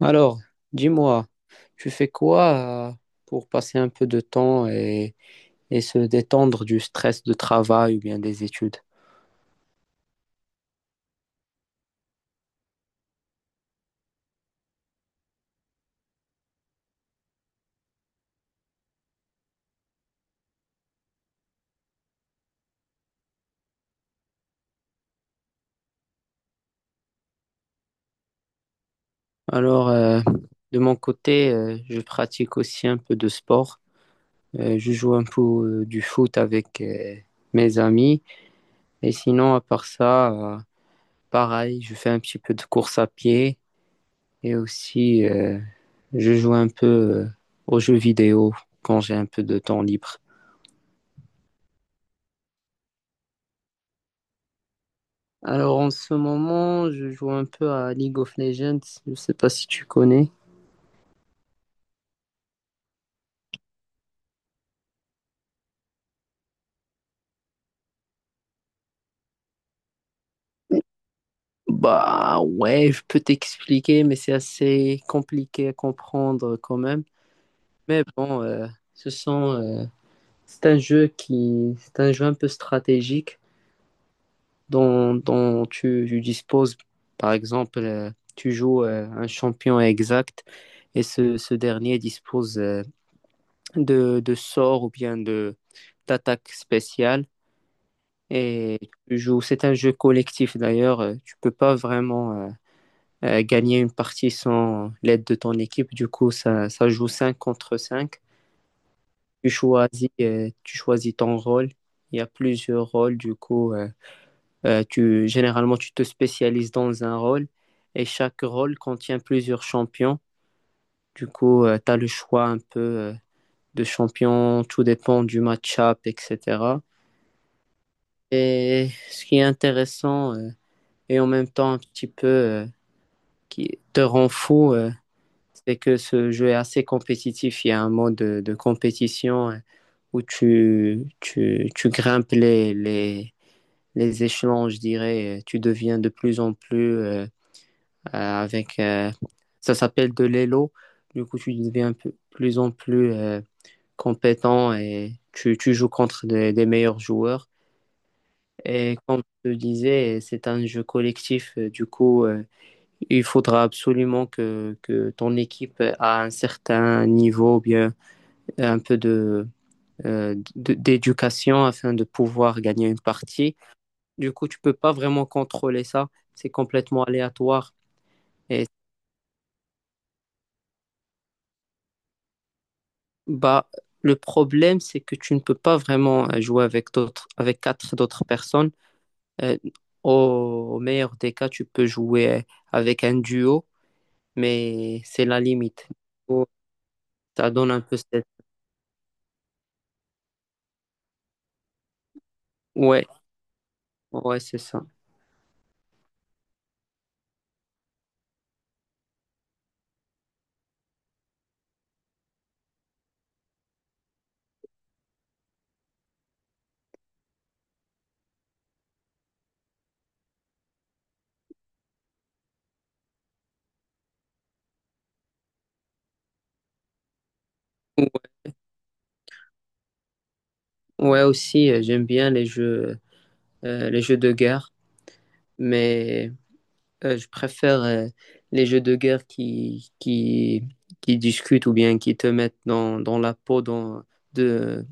Alors, dis-moi, tu fais quoi pour passer un peu de temps et se détendre du stress de travail ou bien des études? Alors, de mon côté, je pratique aussi un peu de sport. Je joue un peu du foot avec mes amis. Et sinon, à part ça, pareil, je fais un petit peu de course à pied et aussi je joue un peu aux jeux vidéo quand j'ai un peu de temps libre. Alors en ce moment, je joue un peu à League of Legends. Je sais pas si tu connais. Bah ouais, je peux t'expliquer, mais c'est assez compliqué à comprendre quand même. Mais bon, ce sont, euh, c'est un c'est un jeu un peu stratégique dont, dont tu, tu disposes. Par exemple, tu joues un champion exact et ce dernier dispose de sorts ou bien de d'attaques spéciales. Et tu joues, c'est un jeu collectif d'ailleurs. Tu peux pas vraiment gagner une partie sans l'aide de ton équipe. Du coup, ça joue 5 contre cinq. Tu choisis ton rôle. Il y a plusieurs rôles. Du coup, généralement, tu te spécialises dans un rôle. Et chaque rôle contient plusieurs champions. Du coup, tu as le choix un peu de champion. Tout dépend du match-up, etc. Et ce qui est intéressant, et en même temps un petit peu qui te rend fou, c'est que ce jeu est assez compétitif. Il y a un mode de compétition où tu grimpes les échelons, je dirais. Tu deviens de plus en plus avec... euh, ça s'appelle de l'élo. Du coup, tu deviens de plus en plus compétent et tu joues contre des meilleurs joueurs. Et comme je te disais, c'est un jeu collectif. Du coup, il faudra absolument que ton équipe a un certain niveau, ou bien un peu d'éducation afin de pouvoir gagner une partie. Du coup, tu peux pas vraiment contrôler ça. C'est complètement aléatoire. Et bah, le problème, c'est que tu ne peux pas vraiment jouer avec d'autres, avec quatre d'autres personnes. Euh, au meilleur des cas, tu peux jouer avec un duo, mais c'est la limite. Ça donne un peu cette... Ouais, ouais, c'est ça. Ouais, aussi, j'aime bien les jeux de guerre, mais je préfère les jeux de guerre qui discutent ou bien qui te mettent dans la peau de,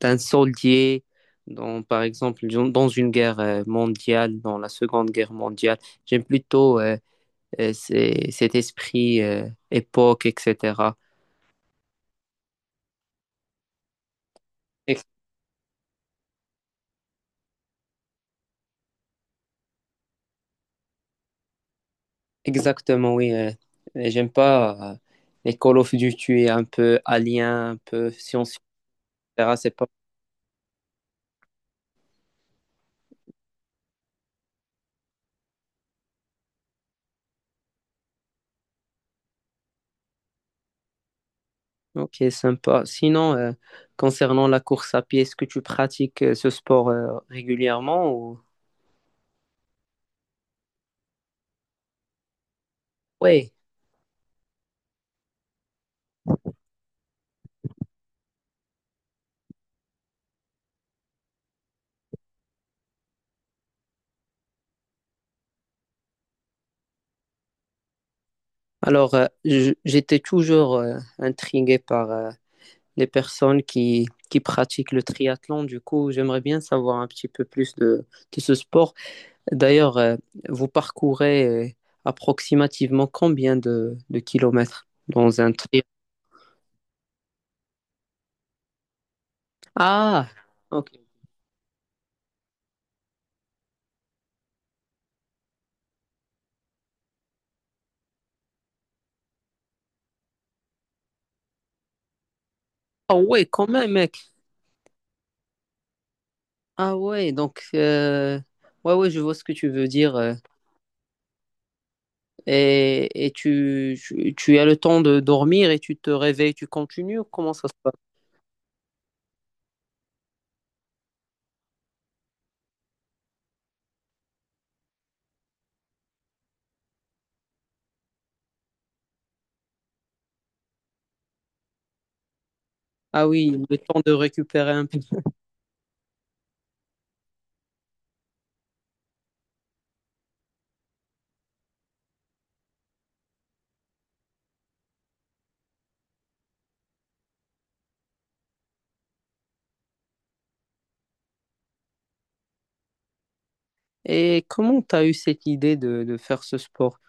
d'un soldier, par exemple, dans une guerre mondiale, dans la Seconde Guerre mondiale. J'aime plutôt cet esprit époque, etc. Exactement, oui. J'aime pas les Call of Duty un peu alien, un peu science, etc. C'est pas... Ok, sympa. Sinon, concernant la course à pied, est-ce que tu pratiques ce sport régulièrement ou... Oui. Alors, j'étais toujours intrigué par les personnes qui pratiquent le triathlon. Du coup, j'aimerais bien savoir un petit peu plus de ce sport. D'ailleurs, vous parcourez approximativement combien de kilomètres dans un trip? Ah, ok. Ah ouais, quand même, mec. Ah ouais, donc, ouais, ouais, je vois ce que tu veux dire. Et, et tu as le temps de dormir et tu te réveilles, tu continues ou comment ça se passe? Ah oui, le temps de récupérer un peu. Et comment tu as eu cette idée de faire ce sport?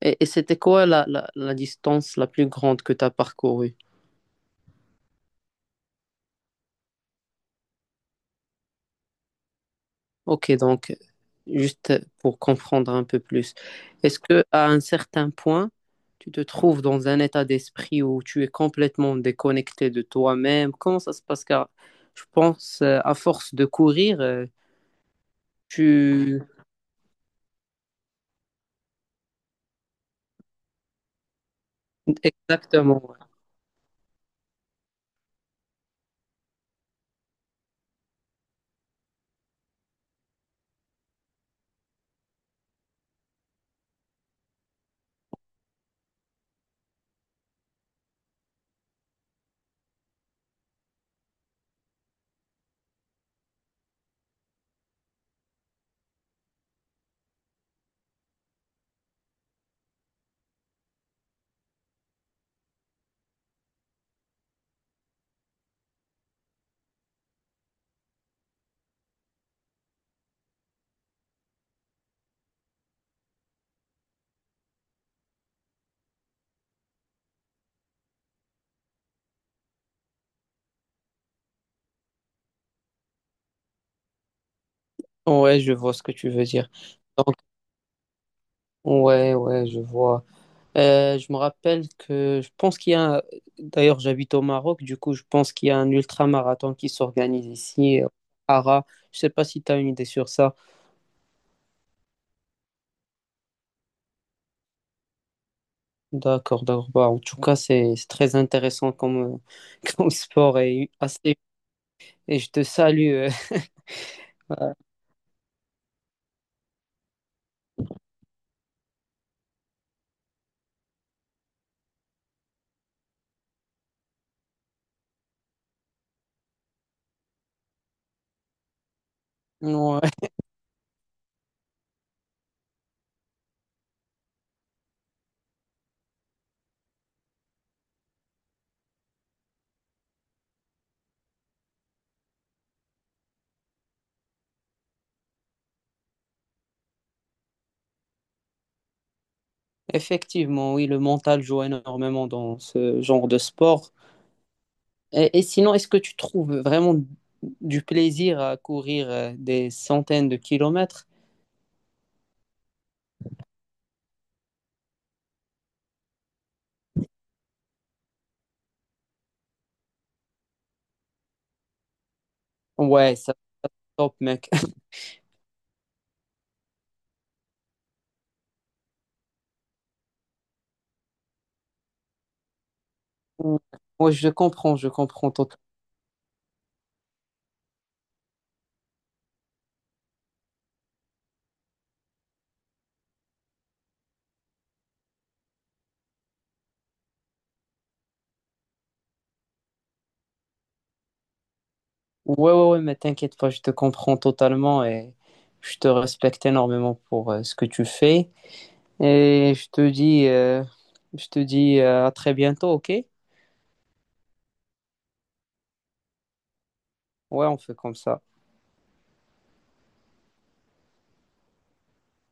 Et c'était quoi la distance la plus grande que tu as parcourue? Ok, donc juste pour comprendre un peu plus, est-ce que à un certain point, tu te trouves dans un état d'esprit où tu es complètement déconnecté de toi-même? Comment ça se passe? Car je pense, à force de courir, tu... Exactement. Ouais, je vois ce que tu veux dire. Donc, ouais, ouais, je vois. Je me rappelle que je pense qu'il y a, d'ailleurs j'habite au Maroc, du coup je pense qu'il y a un ultra-marathon qui s'organise ici, à Ara. Je sais pas si tu as une idée sur ça. D'accord, d'accord. Bah, en tout cas, c'est très intéressant comme, comme sport et assez. Et je te salue. Ouais. Ouais. Effectivement, oui, le mental joue énormément dans ce genre de sport. Et sinon, est-ce que tu trouves vraiment du plaisir à courir des centaines de kilomètres? Ouais, ça top, mec. Ouais, ouais, je comprends totalement. Ouais, ouais, ouais, mais t'inquiète pas, je te comprends totalement et je te respecte énormément pour ce que tu fais. Et je te dis, à très bientôt, ok? Ouais, on fait comme ça.